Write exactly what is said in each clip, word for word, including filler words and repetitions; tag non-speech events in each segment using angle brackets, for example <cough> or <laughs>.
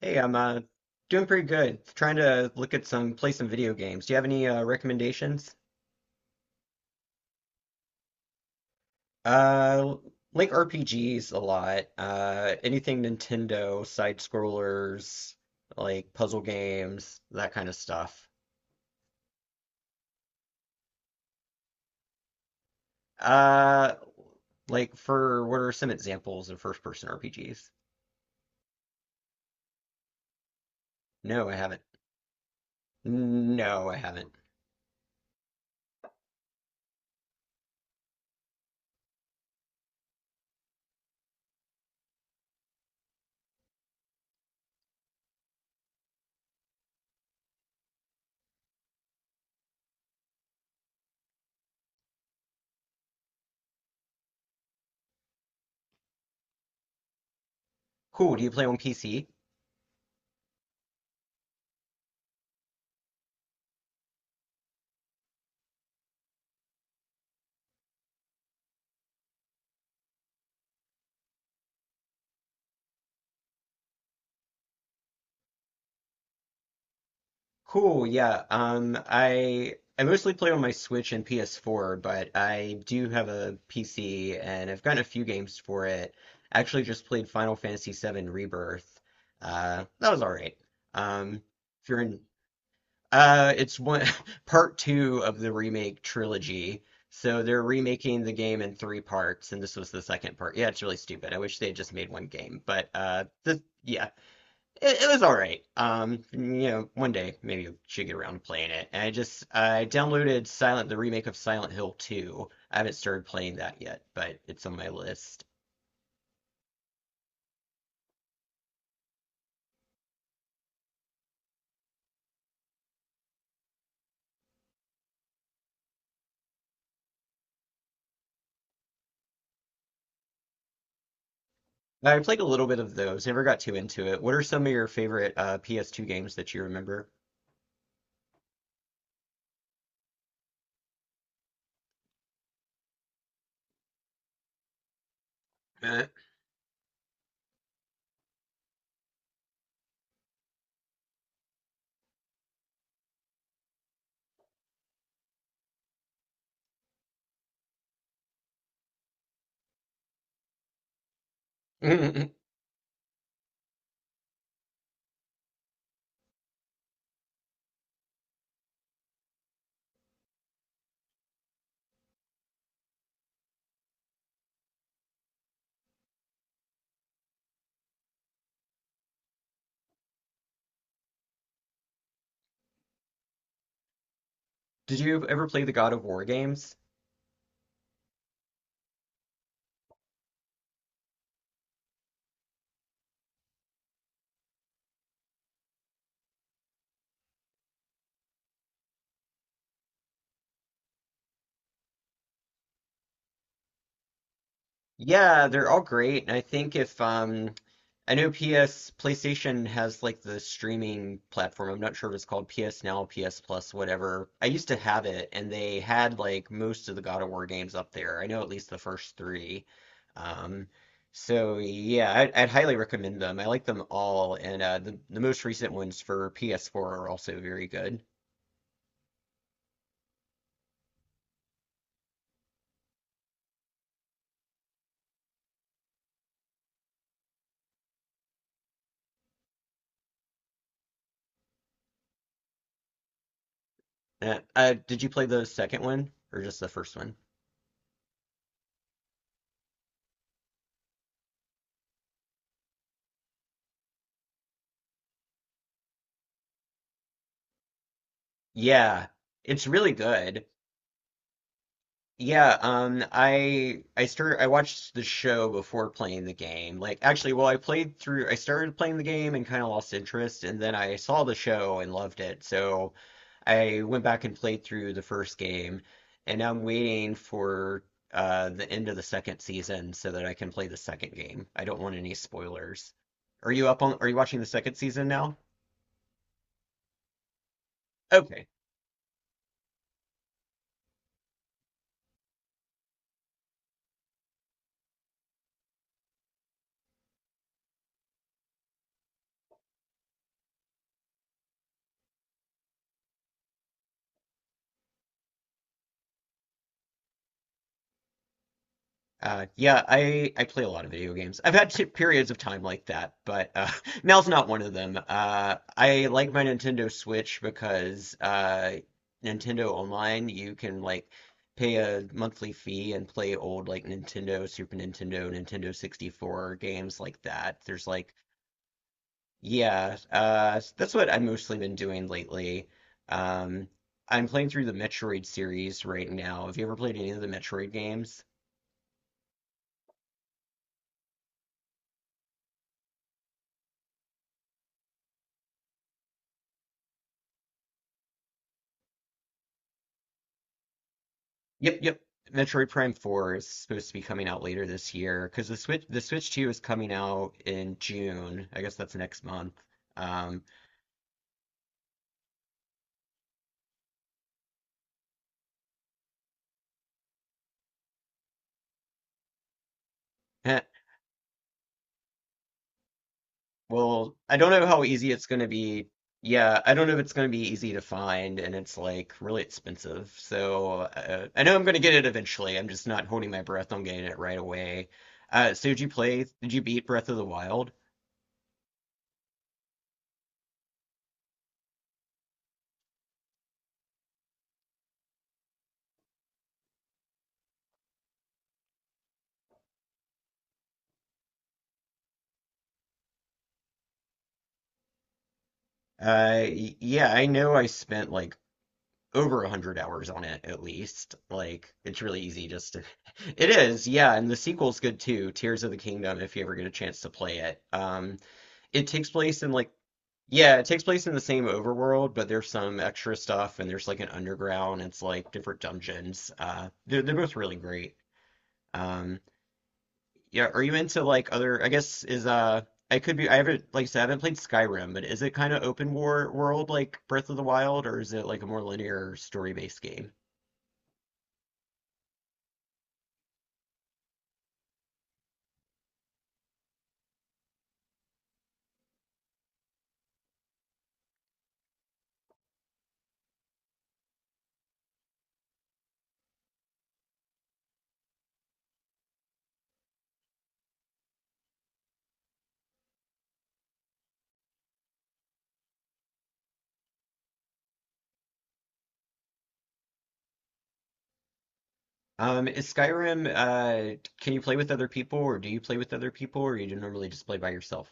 Hey, I'm uh, doing pretty good. Trying to look at some play some video games. Do you have any uh, recommendations? Uh, like R P Gs a lot. Uh, anything Nintendo, side scrollers, like puzzle games, that kind of stuff. Uh, like for what are some examples of first person R P Gs? No, I haven't. No, I haven't. Cool. Do you play on P C? Cool, yeah. Um, I I mostly play on my Switch and P S four, but I do have a P C and I've gotten a few games for it. I actually just played Final Fantasy VII Rebirth. Uh, that was all right. Um, if you're in, uh, it's one <laughs> part two of the remake trilogy. So they're remaking the game in three parts, and this was the second part. Yeah, it's really stupid. I wish they had just made one game, but uh, this, yeah. It, it was all right. Um, you know, one day maybe I should get around to playing it. And I just I downloaded Silent the remake of Silent Hill two. I haven't started playing that yet, but it's on my list. I played a little bit of those. Never got too into it. What are some of your favorite uh, P S two games that you remember? <laughs> Did you ever play the God of War games? Yeah, they're all great. And I think if um I know P S PlayStation has like the streaming platform. I'm not sure if it's called P S Now, P S Plus, whatever. I used to have it and they had like most of the God of War games up there. I know at least the first three. Um so yeah, I'd, I'd highly recommend them. I like them all, and uh the, the most recent ones for P S four are also very good. Uh, uh did you play the second one or just the first one? Yeah, it's really good. Yeah, um, I I started I watched the show before playing the game. Like actually, well, I played through I started playing the game and kind of lost interest, and then I saw the show and loved it. So I went back and played through the first game, and now I'm waiting for uh the end of the second season so that I can play the second game. I don't want any spoilers. Are you up on are you watching the second season now? Okay. Uh, yeah, I I play a lot of video games. I've had t periods of time like that, but uh, <laughs> now's not one of them. Uh, I like my Nintendo Switch because uh, Nintendo Online, you can like pay a monthly fee and play old like Nintendo, Super Nintendo, Nintendo sixty-four games like that. There's like, yeah, uh, that's what I've mostly been doing lately. Um, I'm playing through the Metroid series right now. Have you ever played any of the Metroid games? Yep, yep. Metroid Prime four is supposed to be coming out later this year because the Switch the Switch two is coming out in June. I guess that's next month. Um, heh, well, I don't know how easy it's going to be. Yeah, I don't know if it's going to be easy to find, and it's like really expensive. So uh, I know I'm going to get it eventually. I'm just not holding my breath on getting it right away. Uh, so did you play? Did you beat Breath of the Wild? Uh, y- yeah, I know I spent like over a hundred hours on it at least. Like, it's really easy just to. <laughs> It is, yeah, and the sequel's good too, Tears of the Kingdom, if you ever get a chance to play it. Um, it takes place in like, yeah, it takes place in the same overworld, but there's some extra stuff and there's like an underground, it's like different dungeons. Uh, they're, they're both really great. Um, yeah, are you into like other, I guess is uh I could be I haven't like I said, I haven't played Skyrim, but is it kind of open war world like Breath of the Wild or is it like a more linear story-based game? Um, is Skyrim, uh, can you play with other people or do you play with other people or you do normally just play by yourself?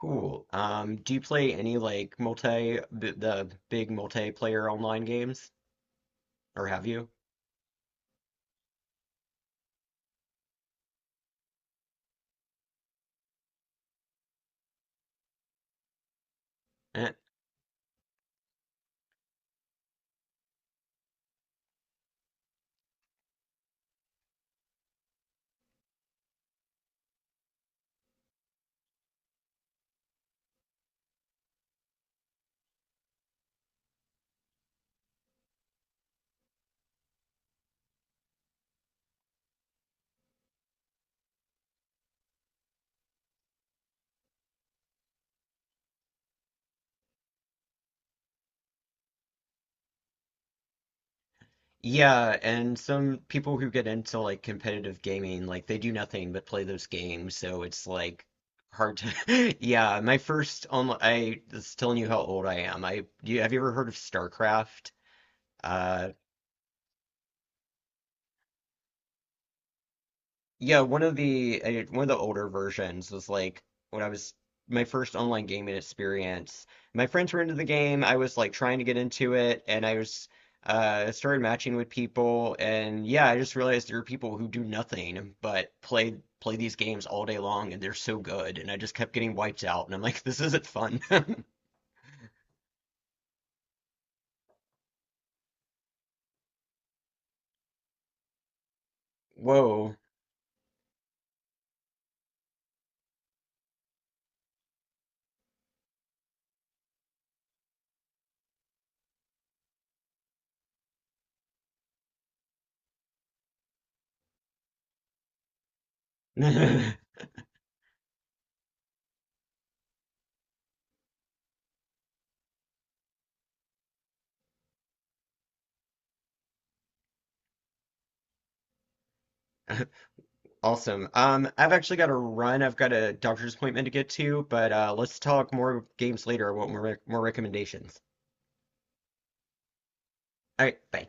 Cool. Um, do you play any like multi, b the big multiplayer online games or have you? Yeah, and some people who get into like competitive gaming, like they do nothing but play those games, so it's like hard to. <laughs> Yeah, my first online, I was telling you how old I am. I you, have you ever heard of StarCraft? Uh, Yeah, one of the uh, one of the older versions was like when I was my first online gaming experience. My friends were into the game. I was like trying to get into it, and I was uh started matching with people, and yeah, I just realized there are people who do nothing but play play these games all day long, and they're so good, and I just kept getting wiped out, and I'm like, <laughs> this isn't fun. <laughs> Whoa. <laughs> Awesome. Um, I've actually got to run. I've got a doctor's appointment to get to, but uh, let's talk more games later. I want more rec more recommendations. All right, bye.